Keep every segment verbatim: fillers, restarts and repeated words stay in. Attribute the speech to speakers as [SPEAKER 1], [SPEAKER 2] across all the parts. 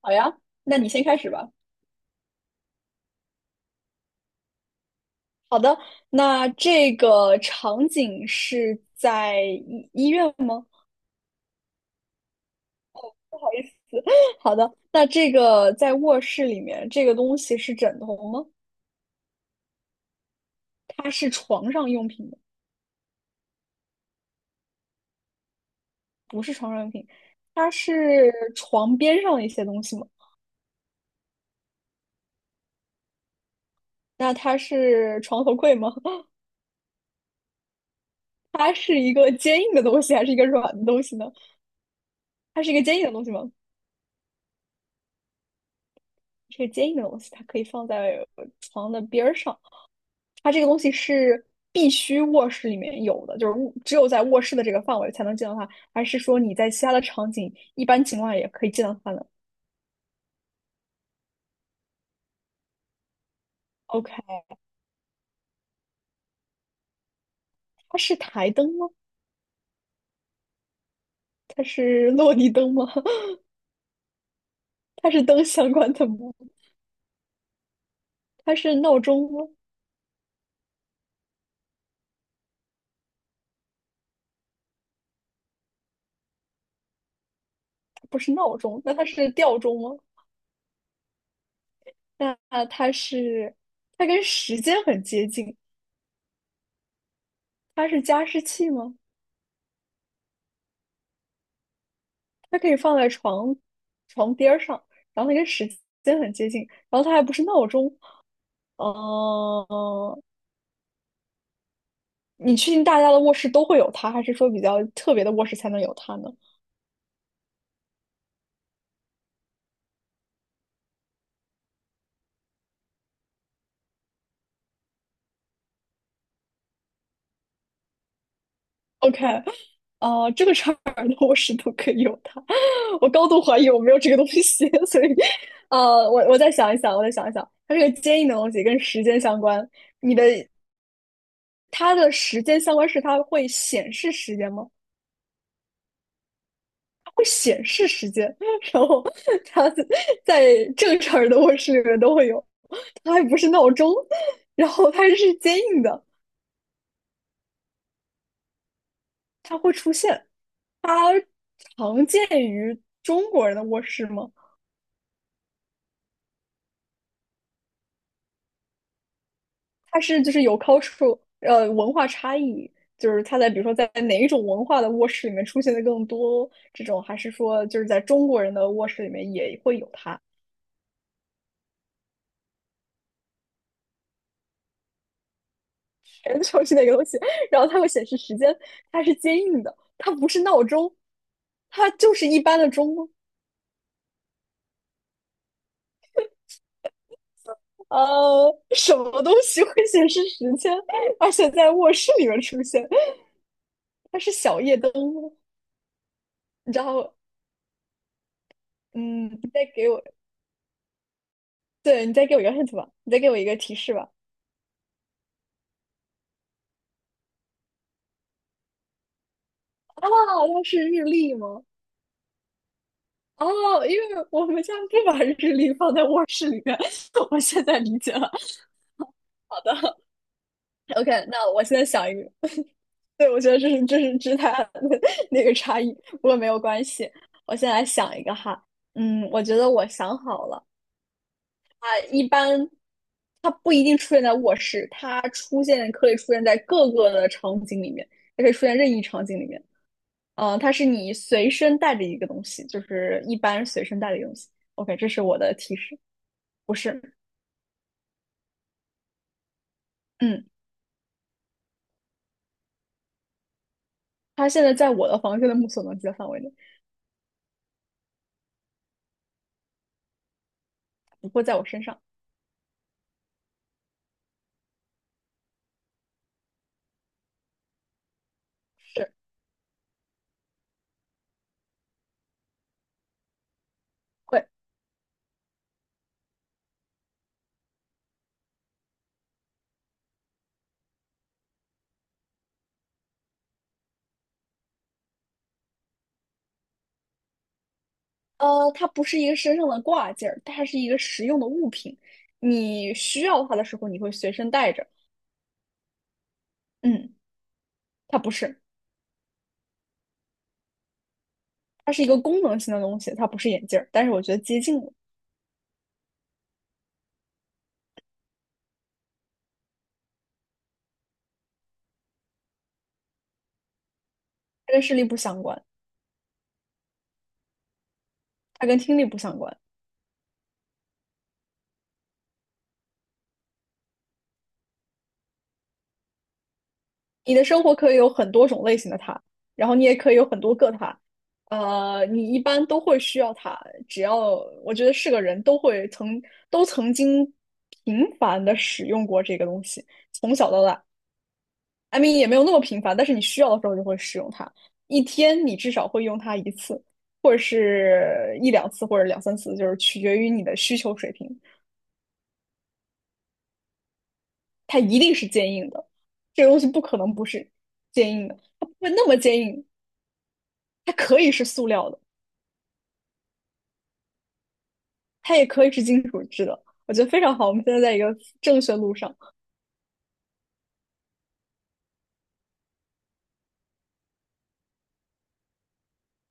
[SPEAKER 1] 好呀，那你先开始吧。好的，那这个场景是在医医院吗？不好意思，好的，那这个在卧室里面，这个东西是枕头吗？它是床上用品吗？不是床上用品，它是床边上的一些东西吗？那它是床头柜吗？它是一个坚硬的东西还是一个软的东西呢？它是一个坚硬的东西吗？是个坚硬的东西，它可以放在呃床的边儿上。它这个东西是必须卧室里面有的，就是卧只有在卧室的这个范围才能见到它，还是说你在其他的场景一般情况下也可以见到它呢？OK，它是台灯吗？它是落地灯吗？它是灯相关的吗？它是闹钟吗？不是闹钟，那它是吊钟吗？那它是，它跟时间很接近，它是加湿器吗？它可以放在床床边儿上，然后它跟时间很接近，然后它还不是闹钟，哦，你确定大家的卧室都会有它，还是说比较特别的卧室才能有它呢？OK，呃，这个场儿的卧室都可以有它，我高度怀疑我没有这个东西，所以，呃，我我再想一想，我再想一想，它是个坚硬的东西跟时间相关，你的它的时间相关是它会显示时间吗？会显示时间，然后它在正常人的卧室里面都会有，它还不是闹钟，然后它是坚硬的。它会出现，它常见于中国人的卧室吗？它是就是有 c u l t u r e 呃文化差异，就是它在比如说在哪一种文化的卧室里面出现的更多，这种还是说就是在中国人的卧室里面也会有它，全球性的一个东西，然后它会显示时间，它是坚硬的，它不是闹钟，它就是一般的钟吗。呃，什么东西会显示时间，而且在卧室里面出现？它是小夜灯吗？你知道嗯，对，你再给我一个 hint 吧，你再给我一个提示吧。啊，那是日历吗？哦，因为我们家不把日历放在卧室里面，我现在理解了。好的，OK，那我现在想一个，对，我觉得这是这是之它的 那个差异，不过没有关系。我先来想一个哈，嗯，我觉得我想好了，啊，一般它不一定出现在卧室，它出现可以出现在各个的场景里面，也可以出现任意场景里面。嗯，它是你随身带着一个东西，就是一般随身带的一个东西。OK，这是我的提示，不是。嗯，它现在在我的房间的目所能及的范围内，不会在我身上。是，会。呃，它不是一个身上的挂件儿，它是一个实用的物品。你需要它的时候，你会随身带着。嗯，它不是，它是一个功能性的东西，它不是眼镜儿，但是我觉得接近了，它跟视力不相关，它跟听力不相关。你的生活可以有很多种类型的它，然后你也可以有很多个它。呃，你一般都会需要它，只要我觉得是个人都会曾都曾经频繁的使用过这个东西，从小到大，I mean 也没有那么频繁，但是你需要的时候就会使用它，一天你至少会用它一次，或者是一两次，或者两三次，就是取决于你的需求水平。它一定是坚硬的，这个东西不可能不是坚硬的，它不会那么坚硬，它可以是塑料的，它也可以是金属制的，我觉得非常好。我们现在在一个正确路上。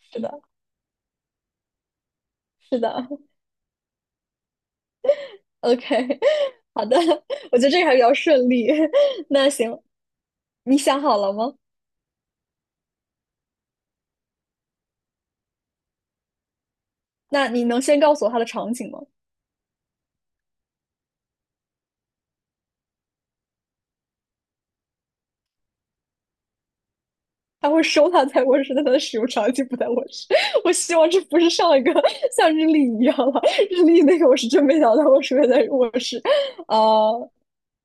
[SPEAKER 1] 是的，是的，OK，好的，我觉得这个还比较顺利。那行，你想好了吗？那你能先告诉我它的场景吗？他会收它在卧室，但它的使用场景不在卧室。我希望这不是上一个像日历一样了，日历那个我是真没想到我出现在卧室。呃，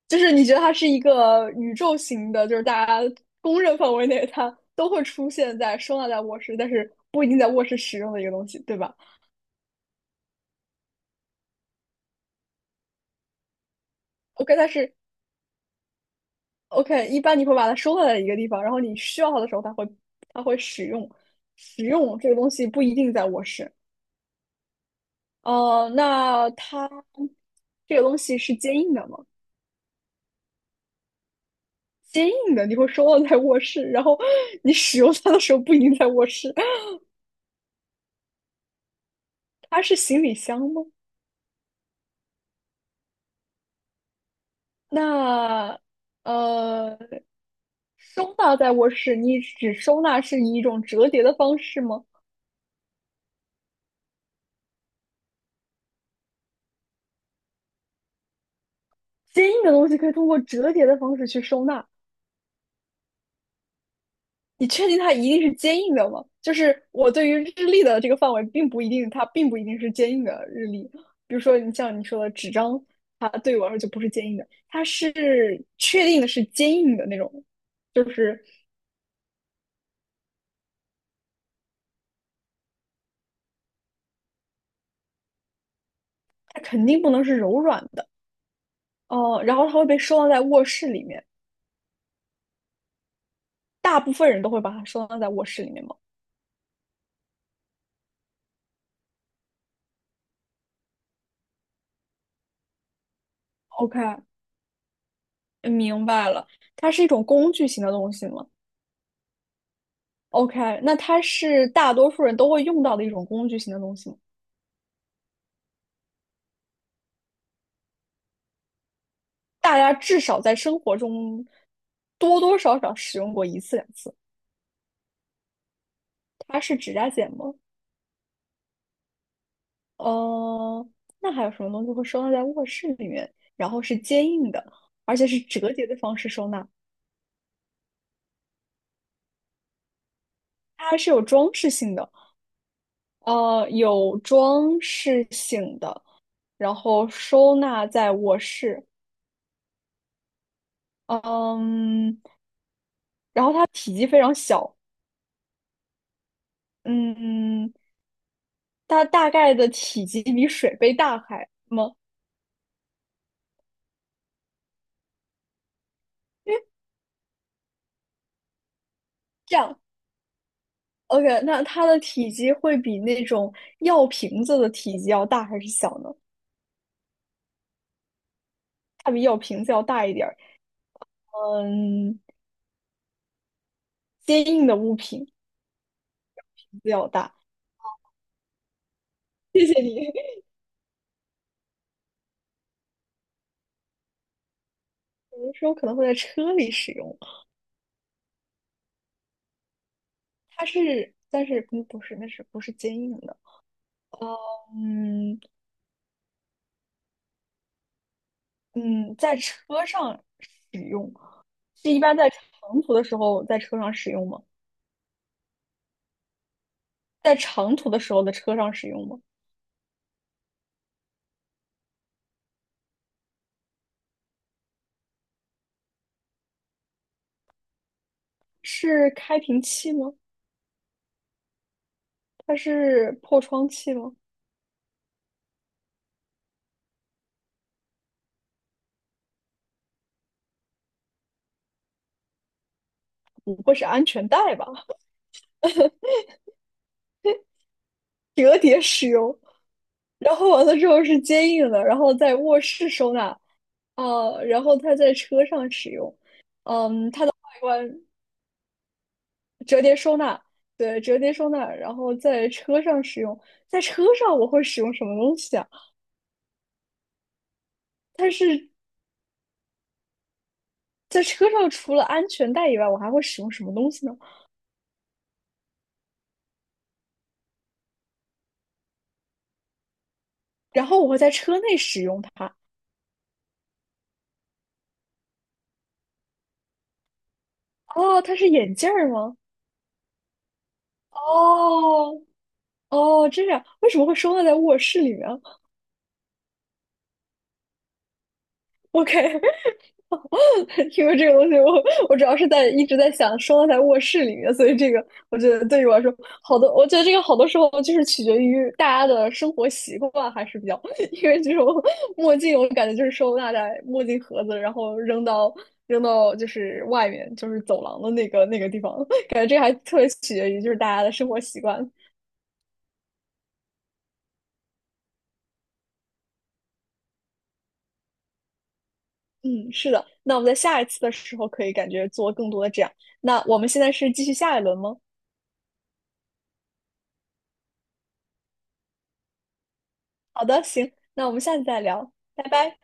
[SPEAKER 1] 就是你觉得它是一个宇宙型的，就是大家公认范围内它都会出现在收纳在卧室，但是不一定在卧室使用的一个东西，对吧？OK，但是 OK，一般你会把它收纳在一个地方，然后你需要它的时候，它会它会使用，使用这个东西不一定在卧室。哦，那它这个东西是坚硬的吗？坚硬的，你会收到在卧室，然后你使用它的时候不一定在卧室。它是行李箱吗？那呃，收纳在卧室，你只收纳是以一种折叠的方式吗？坚硬的东西可以通过折叠的方式去收纳，你确定它一定是坚硬的吗？就是我对于日历的这个范围，并不一定，它并不一定是坚硬的日历。比如说，你像你说的纸张，它对于我来说就不是坚硬的，它是确定的是坚硬的那种，就是它肯定不能是柔软的。哦、然后它会被收纳在卧室里面，大部分人都会把它收纳在卧室里面吗？ OK，明白了，它是一种工具型的东西吗？OK，那它是大多数人都会用到的一种工具型的东西吗？大家至少在生活中多多少少使用过一次两次。它是指甲剪吗？呃，那还有什么东西会收纳在卧室里面，然后是坚硬的，而且是折叠的方式收纳？它是有装饰性的，呃，有装饰性的，然后收纳在卧室，嗯，然后它体积非常小，嗯，它大概的体积比水杯大还吗？这样，OK，那它的体积会比那种药瓶子的体积要大还是小呢？它比药瓶子要大一点儿。嗯，坚硬的物品比较大。谢谢你。有的时候可能会在车里使用。它是，但是嗯不是，那是不是坚硬的？嗯嗯，在车上使用是一般在长途的时候在车上使用吗？在长途的时候的车上使用吗？是开瓶器吗？它是破窗器吗？不会是安全带吧？折叠使用。然后完了之后是坚硬的，然后在卧室收纳，呃，然后它在车上使用，嗯，它的外观折叠收纳，对，折叠收纳，然后在车上使用，在车上我会使用什么东西啊？是在车上除了安全带以外，我还会使用什么东西呢？然后我会在车内使用它。哦，它是眼镜儿吗？哦哦，这样，为什么会收纳在卧室里面？OK，因为这个东西我，我主要是在一直在想收纳在卧室里面，所以这个我觉得对于我来说，好多我觉得这个好多时候就是取决于大家的生活习惯，还是比较，因为这种墨镜我感觉就是收纳在墨镜盒子，然后扔到扔到就是外面就是走廊的那个那个地方，感觉这个还特别取决于就是大家的生活习惯。嗯，是的，那我们在下一次的时候可以感觉做更多的这样。那我们现在是继续下一轮吗？好的，行，那我们下次再聊，拜拜。